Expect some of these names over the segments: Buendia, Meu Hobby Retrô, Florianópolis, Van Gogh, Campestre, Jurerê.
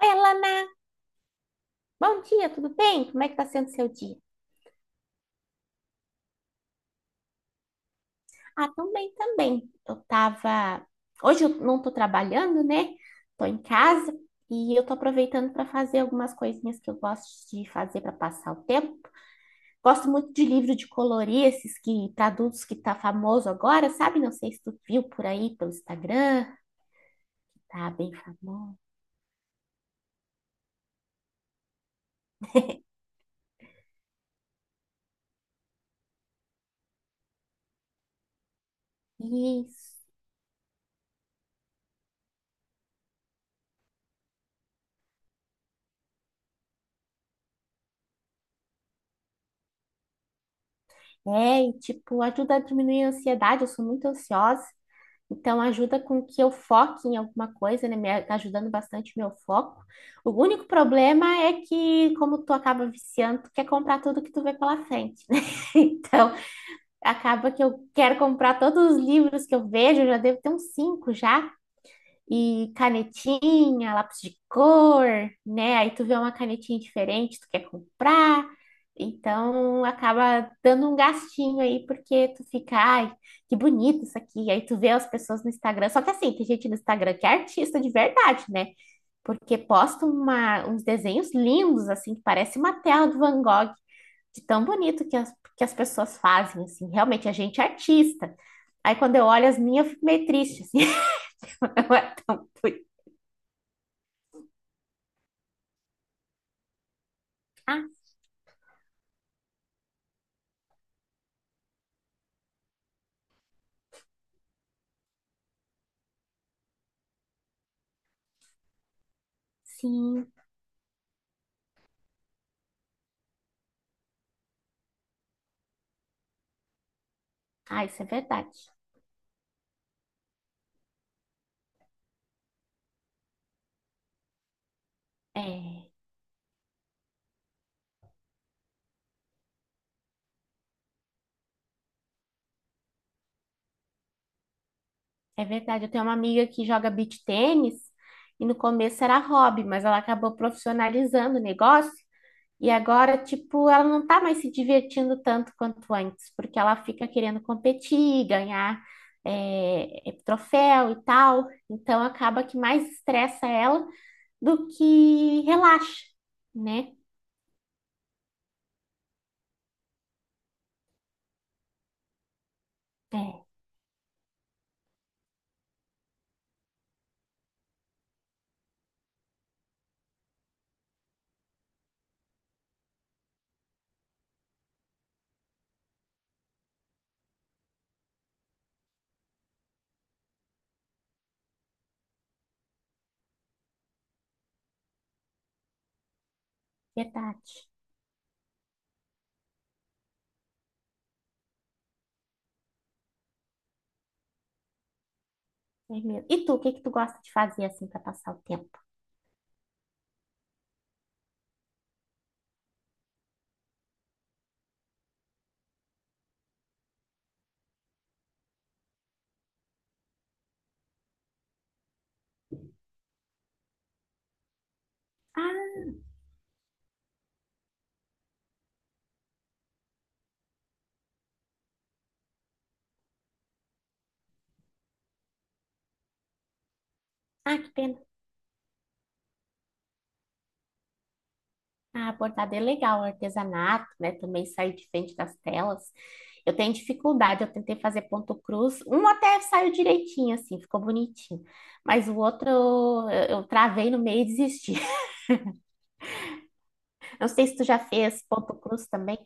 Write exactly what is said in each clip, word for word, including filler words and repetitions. Oi, Alana, bom dia, tudo bem? Como é que tá sendo seu dia? Ah, também, também. Eu tava. Hoje eu não tô trabalhando, né? Tô em casa e eu tô aproveitando para fazer algumas coisinhas que eu gosto de fazer para passar o tempo. Gosto muito de livro de colorir, esses que para adultos que tá famoso agora, sabe? Não sei se tu viu por aí pelo Instagram, tá bem famoso. Isso. É, e tipo, ajuda a diminuir a ansiedade, eu sou muito ansiosa. Então, ajuda com que eu foque em alguma coisa, né? Me a- ajudando bastante o meu foco. O único problema é que, como tu acaba viciando, tu quer comprar tudo que tu vê pela frente, né? Então, acaba que eu quero comprar todos os livros que eu vejo, eu já devo ter uns cinco já, e canetinha, lápis de cor, né? Aí tu vê uma canetinha diferente, tu quer comprar. Então acaba dando um gastinho aí, porque tu fica, ai, que bonito isso aqui. Aí tu vê as pessoas no Instagram. Só que assim, tem gente no Instagram que é artista de verdade, né? Porque posta uma- uns desenhos lindos, assim, que parece uma tela do Van Gogh, de tão bonito que as, que as pessoas fazem, assim. Realmente, a gente é artista. Aí quando eu olho as minhas, eu fico meio triste, assim. Não é muito. Sim. Ah, isso é verdade. É, é verdade. Eu tenho uma amiga que joga beach tênis e no começo era hobby, mas ela acabou profissionalizando o negócio e agora, tipo, ela não tá mais se divertindo tanto quanto antes, porque ela fica querendo competir, ganhar, é, é, troféu e tal. Então acaba que mais estressa ela do que relaxa, né? É, verdade. É mesmo. E tu, o que que tu gosta de fazer assim para passar o tempo? Ah, ah, que pena. Ah, bordado é legal, artesanato, né? Também sair de frente das telas. Eu tenho dificuldade, eu tentei fazer ponto cruz. Um até saiu direitinho, assim, ficou bonitinho. Mas o outro eu, eu travei no meio e desisti. Não sei se tu já fez ponto cruz também.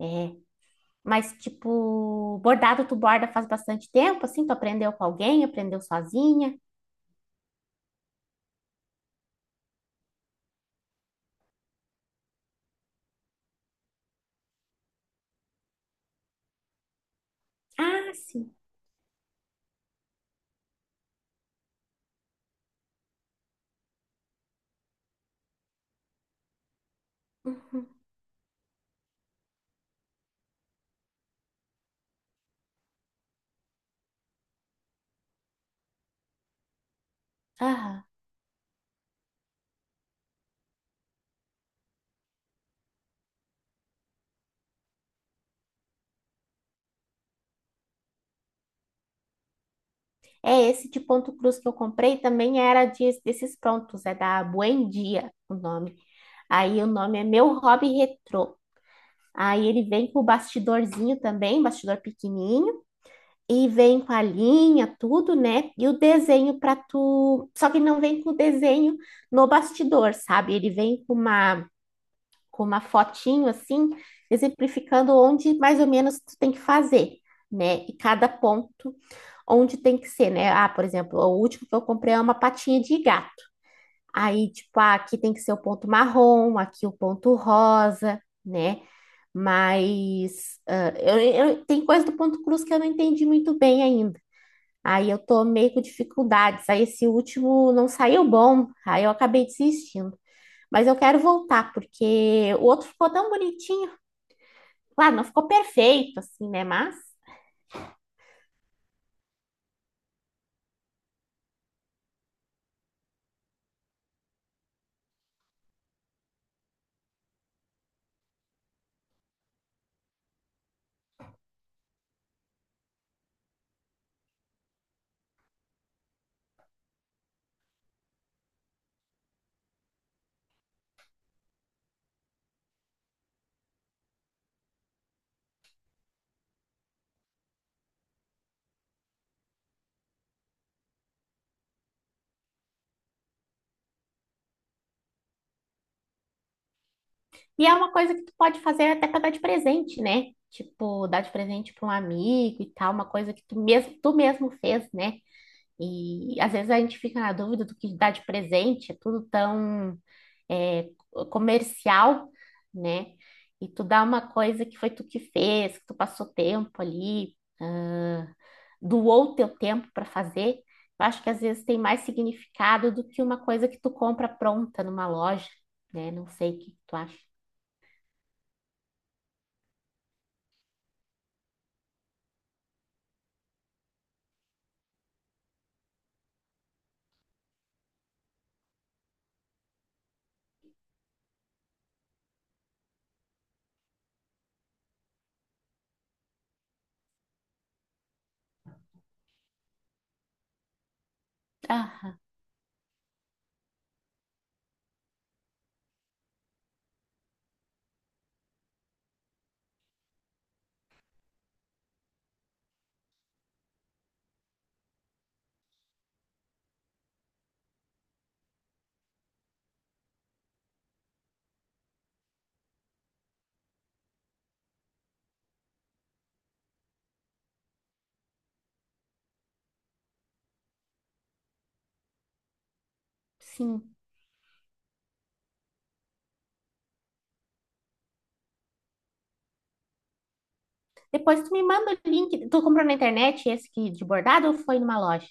É, mas tipo, bordado tu borda faz bastante tempo, assim, tu aprendeu com alguém, aprendeu sozinha. Ah, sim. Uhum. Aham. É, esse de ponto cruz que eu comprei também era de- desses prontos, é da Buendia, o nome. Aí o nome é Meu Hobby Retrô. Aí ele vem com o bastidorzinho também, bastidor pequenininho, e vem com a linha, tudo, né? E o desenho para tu, só que não vem com o desenho no bastidor, sabe? Ele vem com uma com uma fotinho assim, exemplificando onde mais ou menos tu tem que fazer, né? E cada ponto onde tem que ser, né? Ah, por exemplo, o último que eu comprei é uma patinha de gato. Aí, tipo, ah, aqui tem que ser o ponto marrom, aqui o ponto rosa né? Mas ah, eu, eu- tem coisa do ponto cruz que eu não entendi muito bem ainda. Aí eu tô meio com dificuldades. Aí esse último não saiu bom. Aí eu acabei desistindo. Mas eu quero voltar, porque o outro ficou tão bonitinho. Claro, não ficou perfeito, assim, né? Mas. E é uma coisa que tu pode fazer até pra dar de presente, né? Tipo, dar de presente pra um amigo e tal, uma coisa que tu mesmo, tu mesmo fez, né? E às vezes a gente fica na dúvida do que dá de presente, é tudo tão é, comercial, né? E tu dá uma coisa que foi tu que fez, que tu passou tempo ali, ah, doou teu tempo para fazer. Eu acho que às vezes tem mais significado do que uma coisa que tu compra pronta numa loja, né? Não sei o que tu acha. Ah, sim. Depois tu me manda o link. Tu comprou na internet esse que de bordado ou foi numa loja?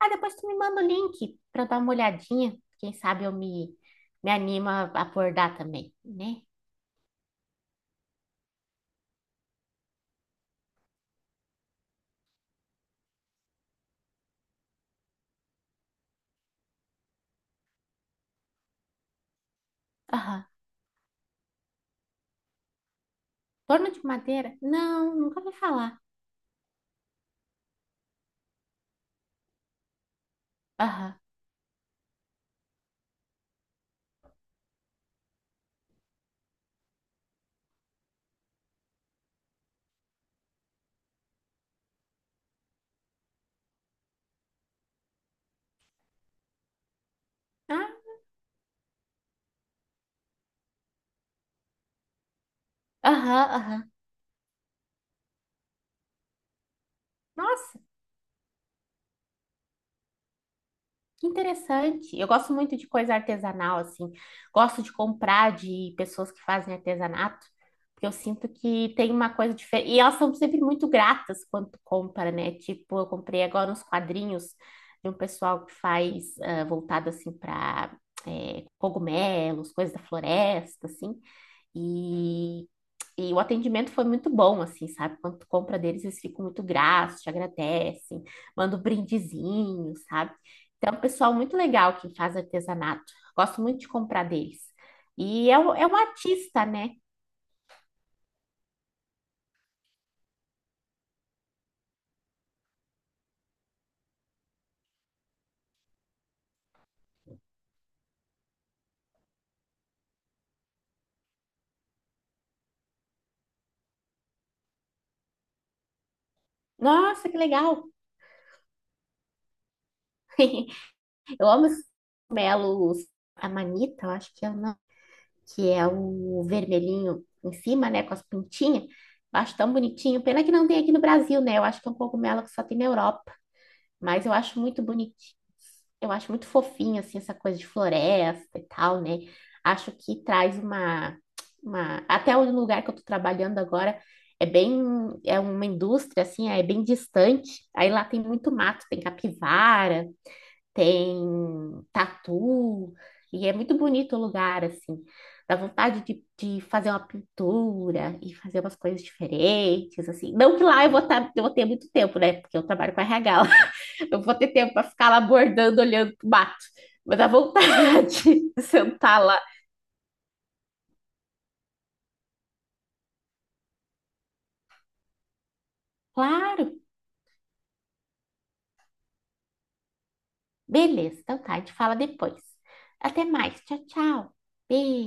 Ah, depois tu me manda o link para dar uma olhadinha. Quem sabe eu me, me animo a abordar também, né? Aham. Torno de madeira? Não, nunca ouvi falar. Aham. Ah, aham, aham. Nossa, que interessante. Eu gosto muito de coisa artesanal, assim. Gosto de comprar de pessoas que fazem artesanato, porque eu sinto que tem uma coisa diferente. E elas são sempre muito gratas quando tu compra, né? Tipo, eu comprei agora uns quadrinhos de um pessoal que faz ah, voltado, assim, para cogumelos, coisas da floresta, assim. E e o atendimento foi muito bom, assim, sabe? Quando tu compra deles, eles ficam muito gratos, te agradecem, mandam um brindezinho, sabe? Então, é um pessoal muito legal que faz artesanato. Gosto muito de comprar deles. E é um, é um artista, né? Nossa, que legal! Eu amo esses cogumelos. A manita, eu acho que é o nome, que é o vermelhinho em cima, né? Com as pintinhas. Eu acho tão bonitinho. Pena que não tem aqui no Brasil, né? Eu acho que é um cogumelo que só tem na Europa. Mas eu acho muito bonitinho. Eu acho muito fofinho, assim, essa coisa de floresta e tal, né? Acho que traz uma, uma... Até o lugar que eu tô trabalhando agora é bem... É uma indústria, assim, é bem distante. Aí lá tem muito mato, tem capivara, tem tatu. E é muito bonito o lugar, assim. Dá vontade de, de fazer uma pintura e fazer umas coisas diferentes, assim. Não que lá eu vou, tá, eu vou ter muito tempo, né? Porque eu trabalho com R H, eu vou ter tempo para ficar lá bordando, olhando pro mato. Mas a vontade de sentar lá. Claro, beleza, então tá, a gente fala depois. Até mais, tchau, tchau. Beijo.